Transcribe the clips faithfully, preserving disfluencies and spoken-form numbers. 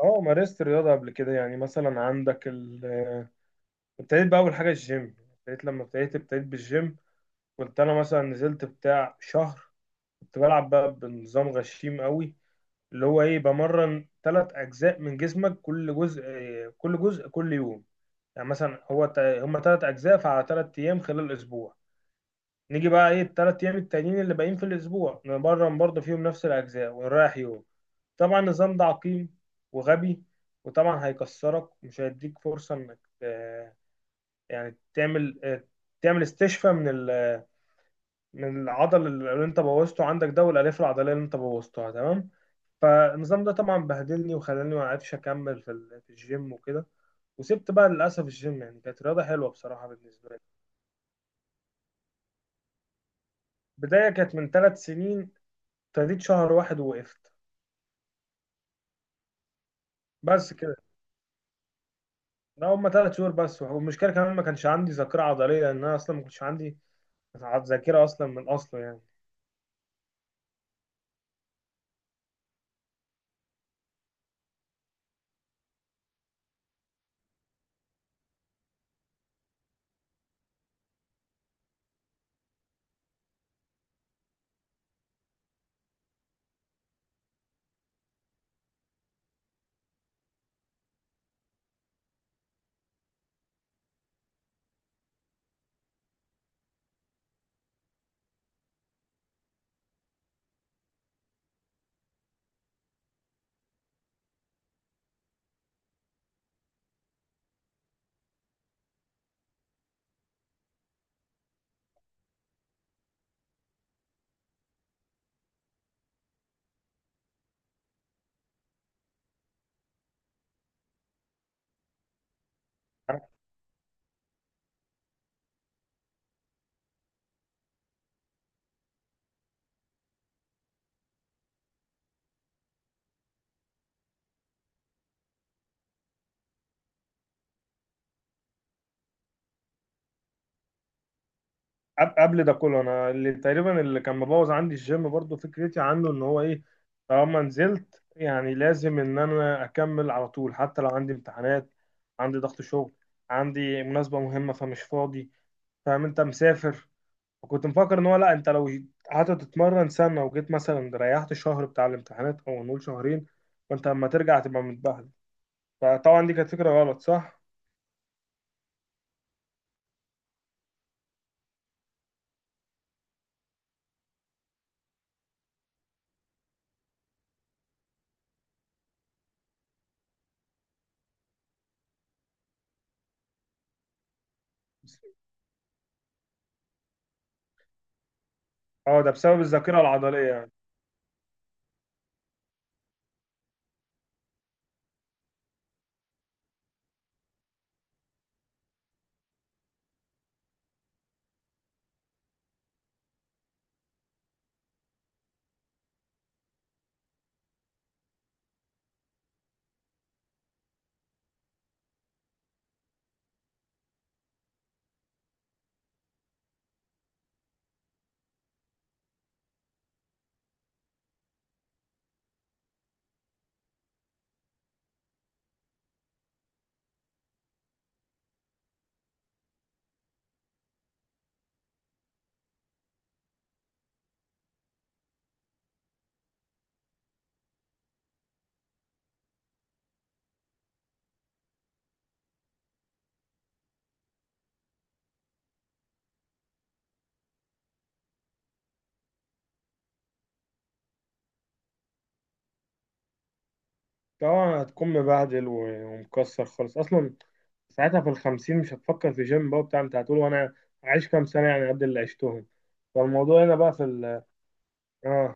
اه مارست الرياضة قبل كده. يعني مثلا عندك ال ابتديت بأول حاجة الجيم، ابتديت لما ابتديت ابتديت بالجيم. كنت أنا مثلا نزلت بتاع شهر، كنت بلعب بقى بنظام غشيم قوي اللي هو إيه، بمرن تلات أجزاء من جسمك، كل جزء كل جزء كل يوم. يعني مثلا هو تا- هما تلات أجزاء، فعلى تلات أيام خلال أسبوع. نيجي بقى إيه التلات أيام التانيين اللي باقيين في الأسبوع، نمرن برضه فيهم نفس الأجزاء ونريح يوم. طبعا النظام ده عقيم وغبي، وطبعا هيكسرك ومش هيديك فرصة انك آه، يعني تعمل، آه، تعمل استشفاء من ال- من العضل اللي انت بوظته عندك ده والالياف العضلية اللي انت بوظتها، تمام؟ فالنظام ده طبعا بهدلني وخلاني ما عرفش اكمل في ال- في الجيم وكده. وسبت بقى للأسف الجيم، يعني كانت رياضة حلوة بصراحة بالنسبة لي. بداية كانت من ثلاث سنين، ابتديت شهر واحد ووقفت. بس كده، ده هما ثلاث شهور بس. والمشكلة كمان ما كانش عندي ذاكرة عضلية، لأن أنا أصلا ما كنتش عندي تعب ذاكرة أصلا من أصله يعني. قب- قبل ده كله أنا اللي تقريبا اللي كان مبوظ عندي الجيم برضو فكرتي عنه، إن هو إيه، طالما نزلت يعني لازم إن أنا أكمل على طول، حتى لو عندي امتحانات، عندي ضغط شغل، عندي مناسبة مهمة فمش فاضي، فاهم؟ أنت مسافر. وكنت مفكر إن هو لأ، أنت لو قعدت تتمرن سنة وجيت مثلا ريحت شهر بتاع الامتحانات أو نقول شهرين، فأنت لما ترجع تبقى متبهدل. فطبعا دي كانت فكرة غلط، صح؟ اه، ده بسبب الذاكرة العضلية يعني. طبعا هتكون مبهدل و- ومكسر خالص اصلا. ساعتها في الخمسين مش هتفكر في جيم بقى بتاع، انت هتقول وانا عايش كام سنة يعني، قد اللي عشتهم. فالموضوع هنا بقى في ال، اه.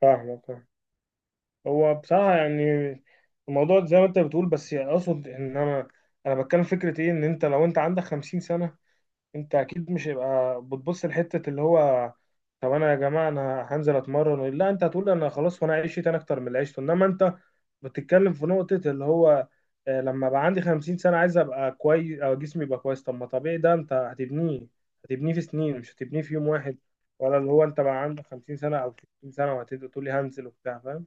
فاهمك، فاهم. هو بصراحة يعني الموضوع زي ما انت بتقول، بس اقصد ان انا انا بتكلم فكرة ايه، ان انت لو انت عندك خمسين سنة، انت اكيد مش هيبقى بتبص لحته اللي هو، طب انا يا جماعه انا هنزل اتمرن. لا، انت هتقول انا خلاص وانا عشت انا اكتر من اللي عشته. انما انت بتتكلم في نقطه اللي هو، آه، لما بقى عندي خمسين سنه عايز ابقى كويس او جسمي يبقى كويس. طب ما طبيعي ده انت هتبنيه، هتبنيه في سنين، مش هتبنيه في يوم واحد. ولا اللي هو انت بقى عندك خمسين سنه او ستين سنه وهتبدا تقول لي هنزل وبتاع، فاهم؟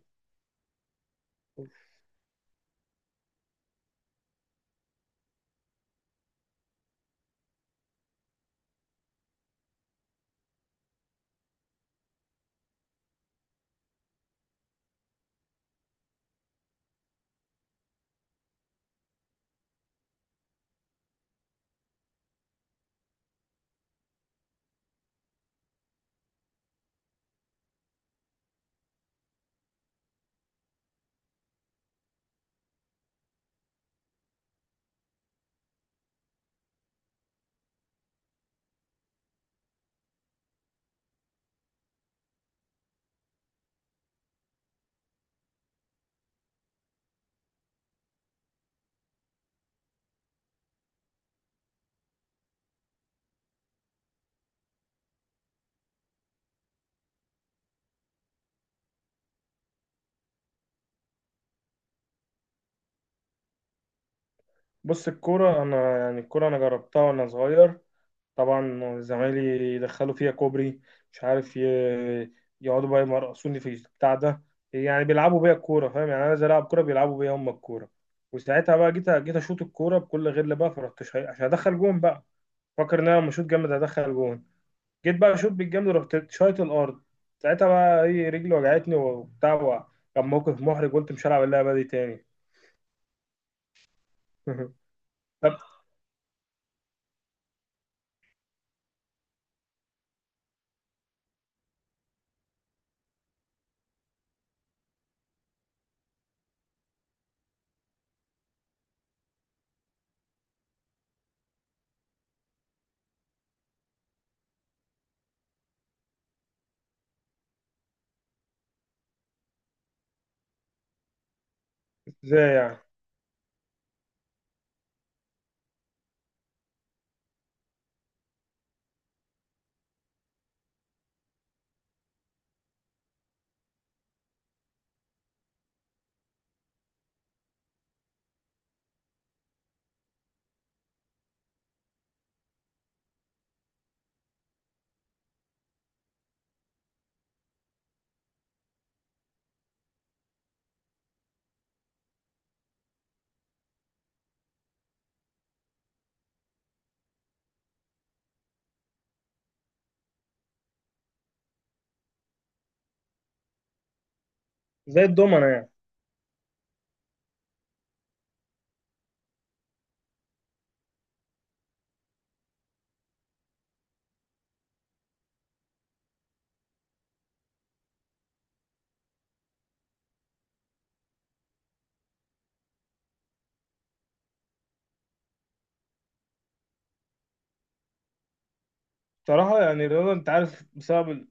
بص الكوره انا يعني الكوره انا جربتها وانا صغير. طبعا زمايلي يدخلوا فيها كوبري، مش عارف، ي- يقعدوا بقى يمرقصوني في البتاع ده. يعني بيلعبوا بيا الكوره، فاهم؟ يعني انا عايز العب كوره، بيلعبوا بيا هم الكوره. وساعتها بقى جيت جيت اشوط الكوره بكل غل بقى، فرحت شاي- عشان ادخل جون بقى. فاكر ان انا لما اشوط جامد هدخل جون. جيت بقى اشوط بالجامد، رحت شايط الارض. ساعتها بقى ايه، رجلي وجعتني وبتاع. كان موقف محرج، قلت مش هلعب اللعبه دي تاني. طب ازاي يعني؟ زي الدومنه يعني. بصراحه يعني الرياضه انت عارف بسبب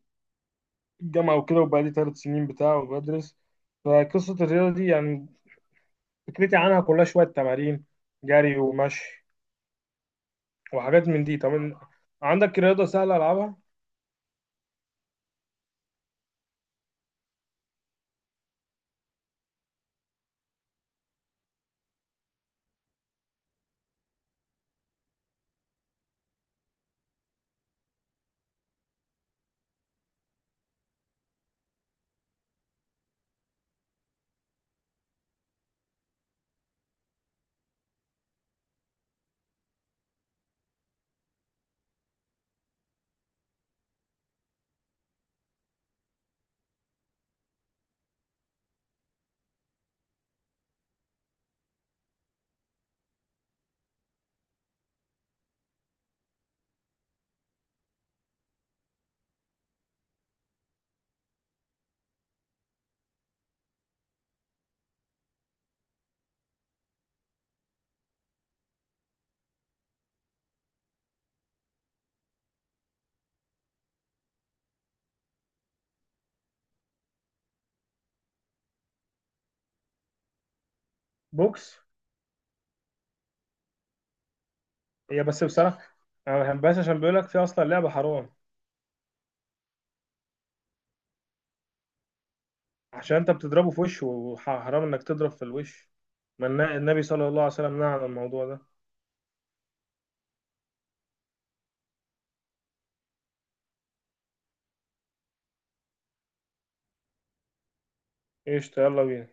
الجامعة وكده، وبقالي ثلاث سنين بتاع وبدرس. فقصة الرياضة دي يعني فكرتي عنها كلها شوية تمارين، جري ومشي وحاجات من دي. طب إن- عندك رياضة سهلة ألعبها؟ بوكس؟ هي بس بصراحة أنا ما بحبهاش عشان بيقول لك في أصلا لعبة حرام، عشان أنت بتضربه في وشه، وحرام إنك تضرب في الوش. ما النا- النبي صلى الله عليه وسلم نهى عن الموضوع ده. قشطة، يلا بينا.